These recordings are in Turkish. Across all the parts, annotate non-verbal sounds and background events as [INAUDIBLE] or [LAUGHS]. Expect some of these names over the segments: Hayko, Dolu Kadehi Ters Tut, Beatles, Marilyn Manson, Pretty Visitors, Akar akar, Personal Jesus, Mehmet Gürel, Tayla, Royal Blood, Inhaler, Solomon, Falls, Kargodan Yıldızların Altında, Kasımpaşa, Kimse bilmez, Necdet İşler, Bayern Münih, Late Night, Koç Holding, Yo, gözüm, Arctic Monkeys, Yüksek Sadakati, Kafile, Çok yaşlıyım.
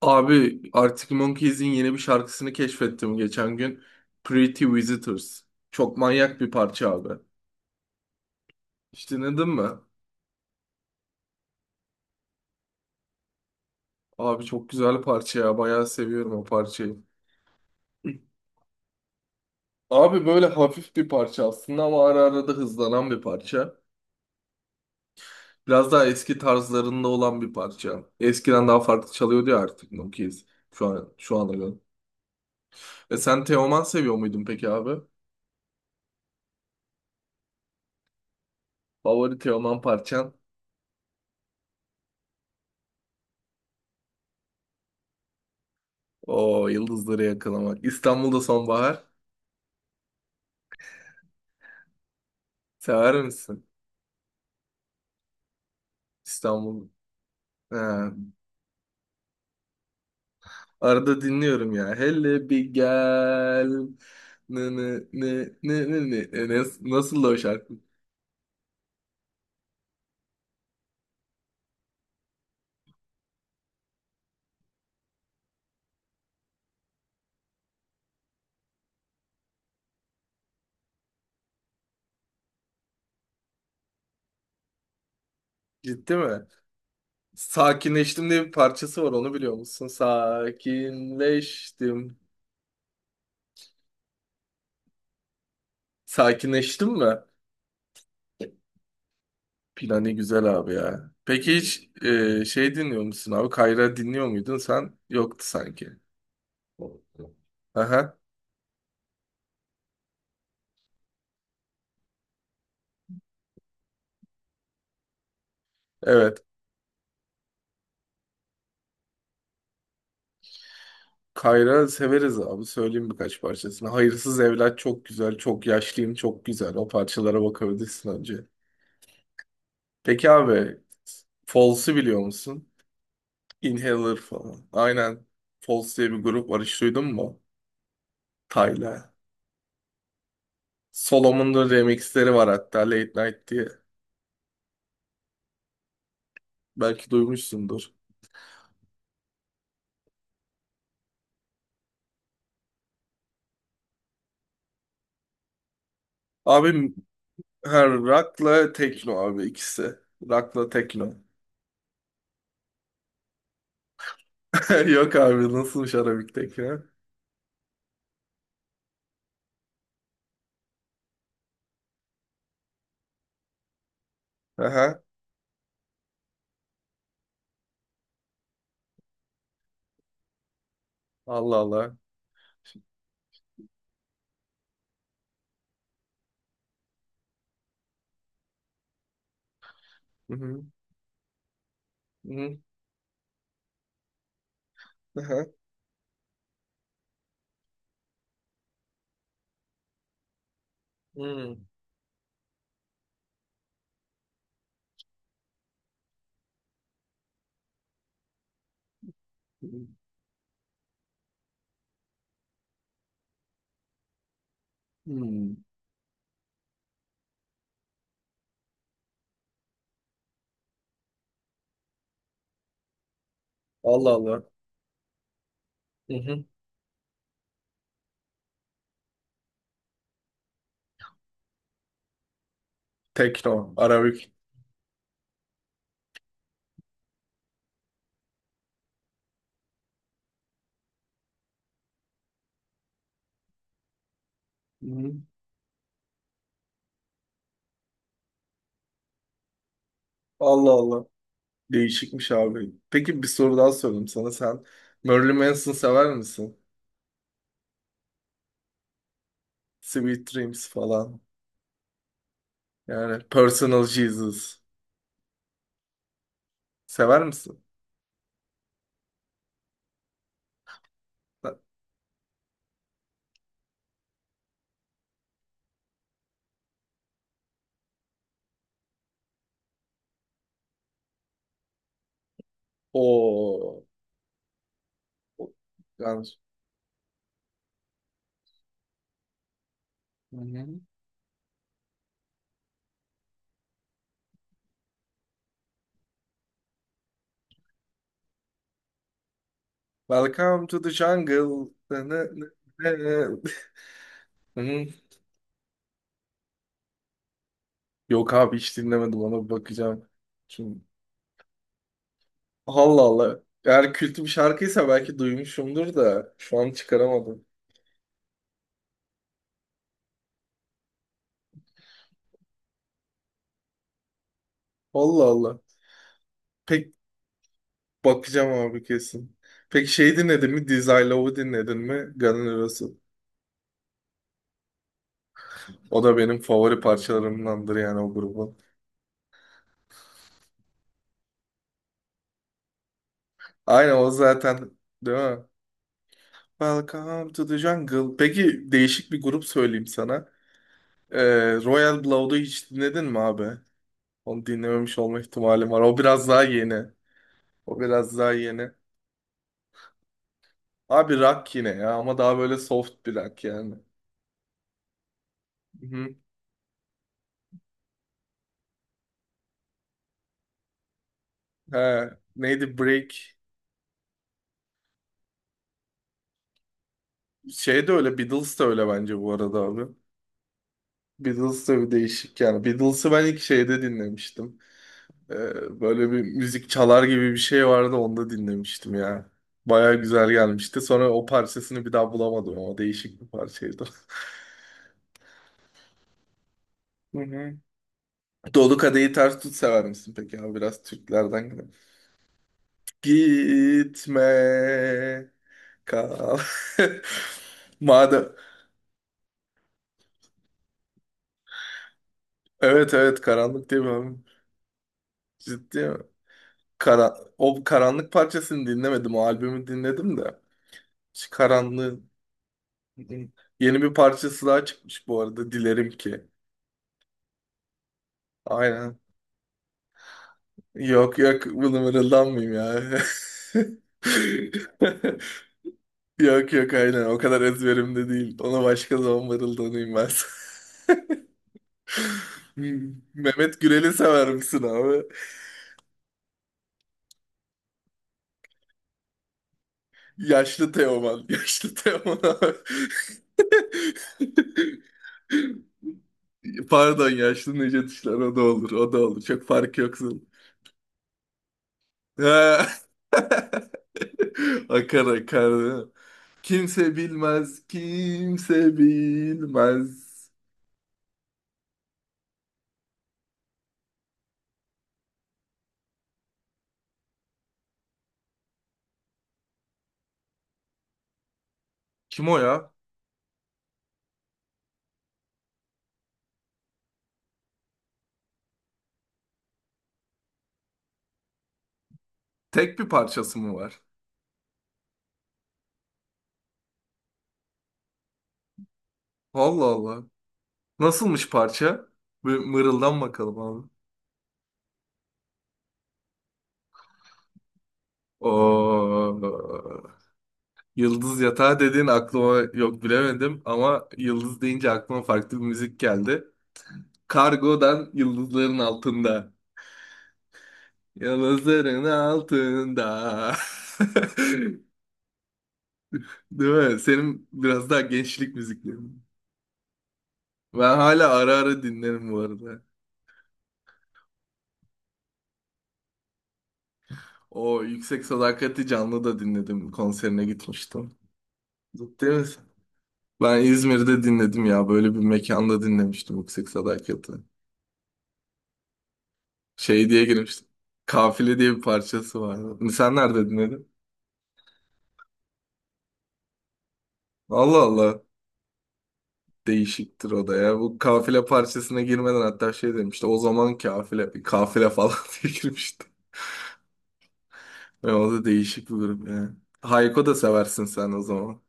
Abi Arctic Monkeys'in yeni bir şarkısını keşfettim geçen gün. Pretty Visitors. Çok manyak bir parça abi. Hiç dinledin mi? Abi çok güzel parça ya. Bayağı seviyorum o parçayı. Abi böyle hafif bir parça aslında ama ara ara da hızlanan bir parça. Biraz daha eski tarzlarında olan bir parça. Eskiden daha farklı çalıyordu ya Arctic Monkeys. Şu an, şu ana göre. E sen Teoman seviyor muydun peki abi? Favori Teoman parçan? O yıldızları yakalamak. İstanbul'da sonbahar. Sever misin? İstanbul. Ha. Arada dinliyorum ya. Hele bir gel. Ne ne ne ne ne ne. Nasıl da o şarkı? Ciddi mi? Sakinleştim diye bir parçası var, onu biliyor musun? Sakinleştim. Sakinleştim mi? Plani güzel abi ya. Peki hiç şey dinliyor musun abi? Kayra dinliyor muydun sen? Yoktu sanki. Aha, evet. Kayra severiz abi. Söyleyeyim birkaç parçasını. Hayırsız Evlat çok güzel. Çok yaşlıyım çok güzel. O parçalara bakabilirsin önce. Peki abi, Falls'u biliyor musun? Inhaler falan. Aynen. Falls diye bir grup var. Hiç duydun mu? Tayla. Solomon'un da remixleri var hatta, Late Night diye. Belki duymuşsundur. Abi her rock'la tekno abi, ikisi. Rock'la tekno. [LAUGHS] Yok abi, nasılmış Arabik'teki? Ha? Aha. Allah Allah. Hı hı. Hı hı. Aha. Hı. Hı. Allah Allah. Hı hı. Tekno, Arabik. Hı hı. Allah Allah. Değişikmiş abi. Peki bir soru daha sorayım sana. Sen Marilyn Manson sever misin? Sweet Dreams falan. Yani Personal Jesus. Sever misin? O. Yanlış. Hı hı. Welcome to the jungle. Ne ne ne. ne- ne- [LAUGHS] Yok abi, hiç dinlemedim, ona bir bakacağım. Şimdi Allah Allah. Eğer kült bir şarkıysa belki duymuşumdur da şu an çıkaramadım. Allah Allah. Pek bakacağım abi kesin. Peki şey dinledin mi? Dizzy Love'u dinledin mi? Guns N' Roses. O da benim favori parçalarımdandır yani, o grubun. Aynen o zaten, değil mi? Welcome to the Jungle. Peki değişik bir grup söyleyeyim sana. Ee, Royal Blood'u hiç dinledin mi abi? Onu dinlememiş olma ihtimalim var. O biraz daha yeni. O biraz daha yeni. Abi rock yine ya, ama daha böyle soft bir rock yani. Hı. He, neydi Break? Şey de öyle, Beatles de öyle bence bu arada abi. Beatles de bir değişik yani. Beatles'ı ben ilk şeyde dinlemiştim. Böyle bir müzik çalar gibi bir şey vardı, onda dinlemiştim ya. Baya güzel gelmişti. Sonra o parçasını bir daha bulamadım, ama değişik bir parçaydı. Hı hı. [LAUGHS] Dolu Kadehi Ters Tut sever misin peki abi? Biraz Türklerden gidelim. Gitme. Ka- [LAUGHS] Madem evet, evet, karanlık diye bir albüm. Ciddi mi? Kara, o karanlık parçasını dinlemedim. O albümü dinledim de. Şu karanlığın yeni bir parçası daha çıkmış bu arada. Dilerim ki. Aynen. Yok, yok, bunu mırıldanmayayım ya. [LAUGHS] Yok, yok, aynen, o kadar ezberimde değil. Ona başka zaman mırıldanayım ben. [LAUGHS] Mehmet Gürel'i sever misin abi? Yaşlı Teoman. [LAUGHS] Yaşlı Teoman abi. [LAUGHS] Pardon, yaşlı Necdet İşler, o da olur, o da olur, çok fark yoksun. Ha. [LAUGHS] Akar akar. Kimse bilmez, kimse bilmez. Kim o ya? Tek bir parçası mı var? Allah Allah. Nasılmış parça? Bir mırıldan bakalım abi. Oo. Yıldız Yatağı dediğin aklıma yok, bilemedim, ama yıldız deyince aklıma farklı bir müzik geldi. Kargodan Yıldızların Altında. Yıldızların altında. [LAUGHS] Değil mi? Senin biraz daha gençlik müziklerin. Ben hala ara ara dinlerim bu arada. O Yüksek Sadakati canlı da dinledim. Konserine gitmiştim. Ciddi misin? Ben İzmir'de dinledim ya. Böyle bir mekanda dinlemiştim Yüksek Sadakati. Şey diye girmiştim. Kafile diye bir parçası vardı. Sen nerede dinledin? Allah Allah. Değişiktir o da ya. Bu kafile parçasına girmeden hatta şey demişti. O zaman kafile, bir kafile falan [LAUGHS] diye girmişti. Ve o da değişik bir grup yani. Hayko da seversin sen o zaman.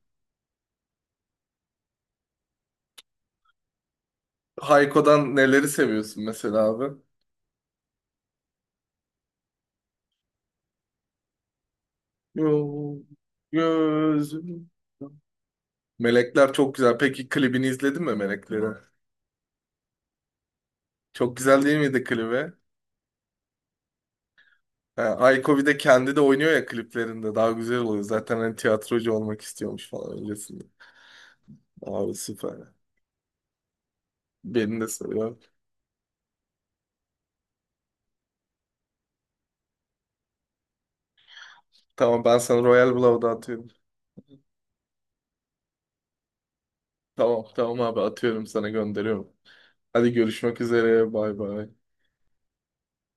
Hayko'dan neleri seviyorsun mesela abi? Yo, gözüm. Melekler çok güzel. Peki klibini izledin mi Melekleri? Çok güzel değil miydi klibi? Ha, Ayko bir de kendi de oynuyor ya kliplerinde. Daha güzel oluyor. Zaten hani tiyatrocu olmak istiyormuş falan öncesinde. Abi süper. Beni de seviyor. Tamam, ben sana Royal Blood'u atıyorum. Tamam, tamam abi, atıyorum, sana gönderiyorum. Hadi görüşmek üzere. Bay bay.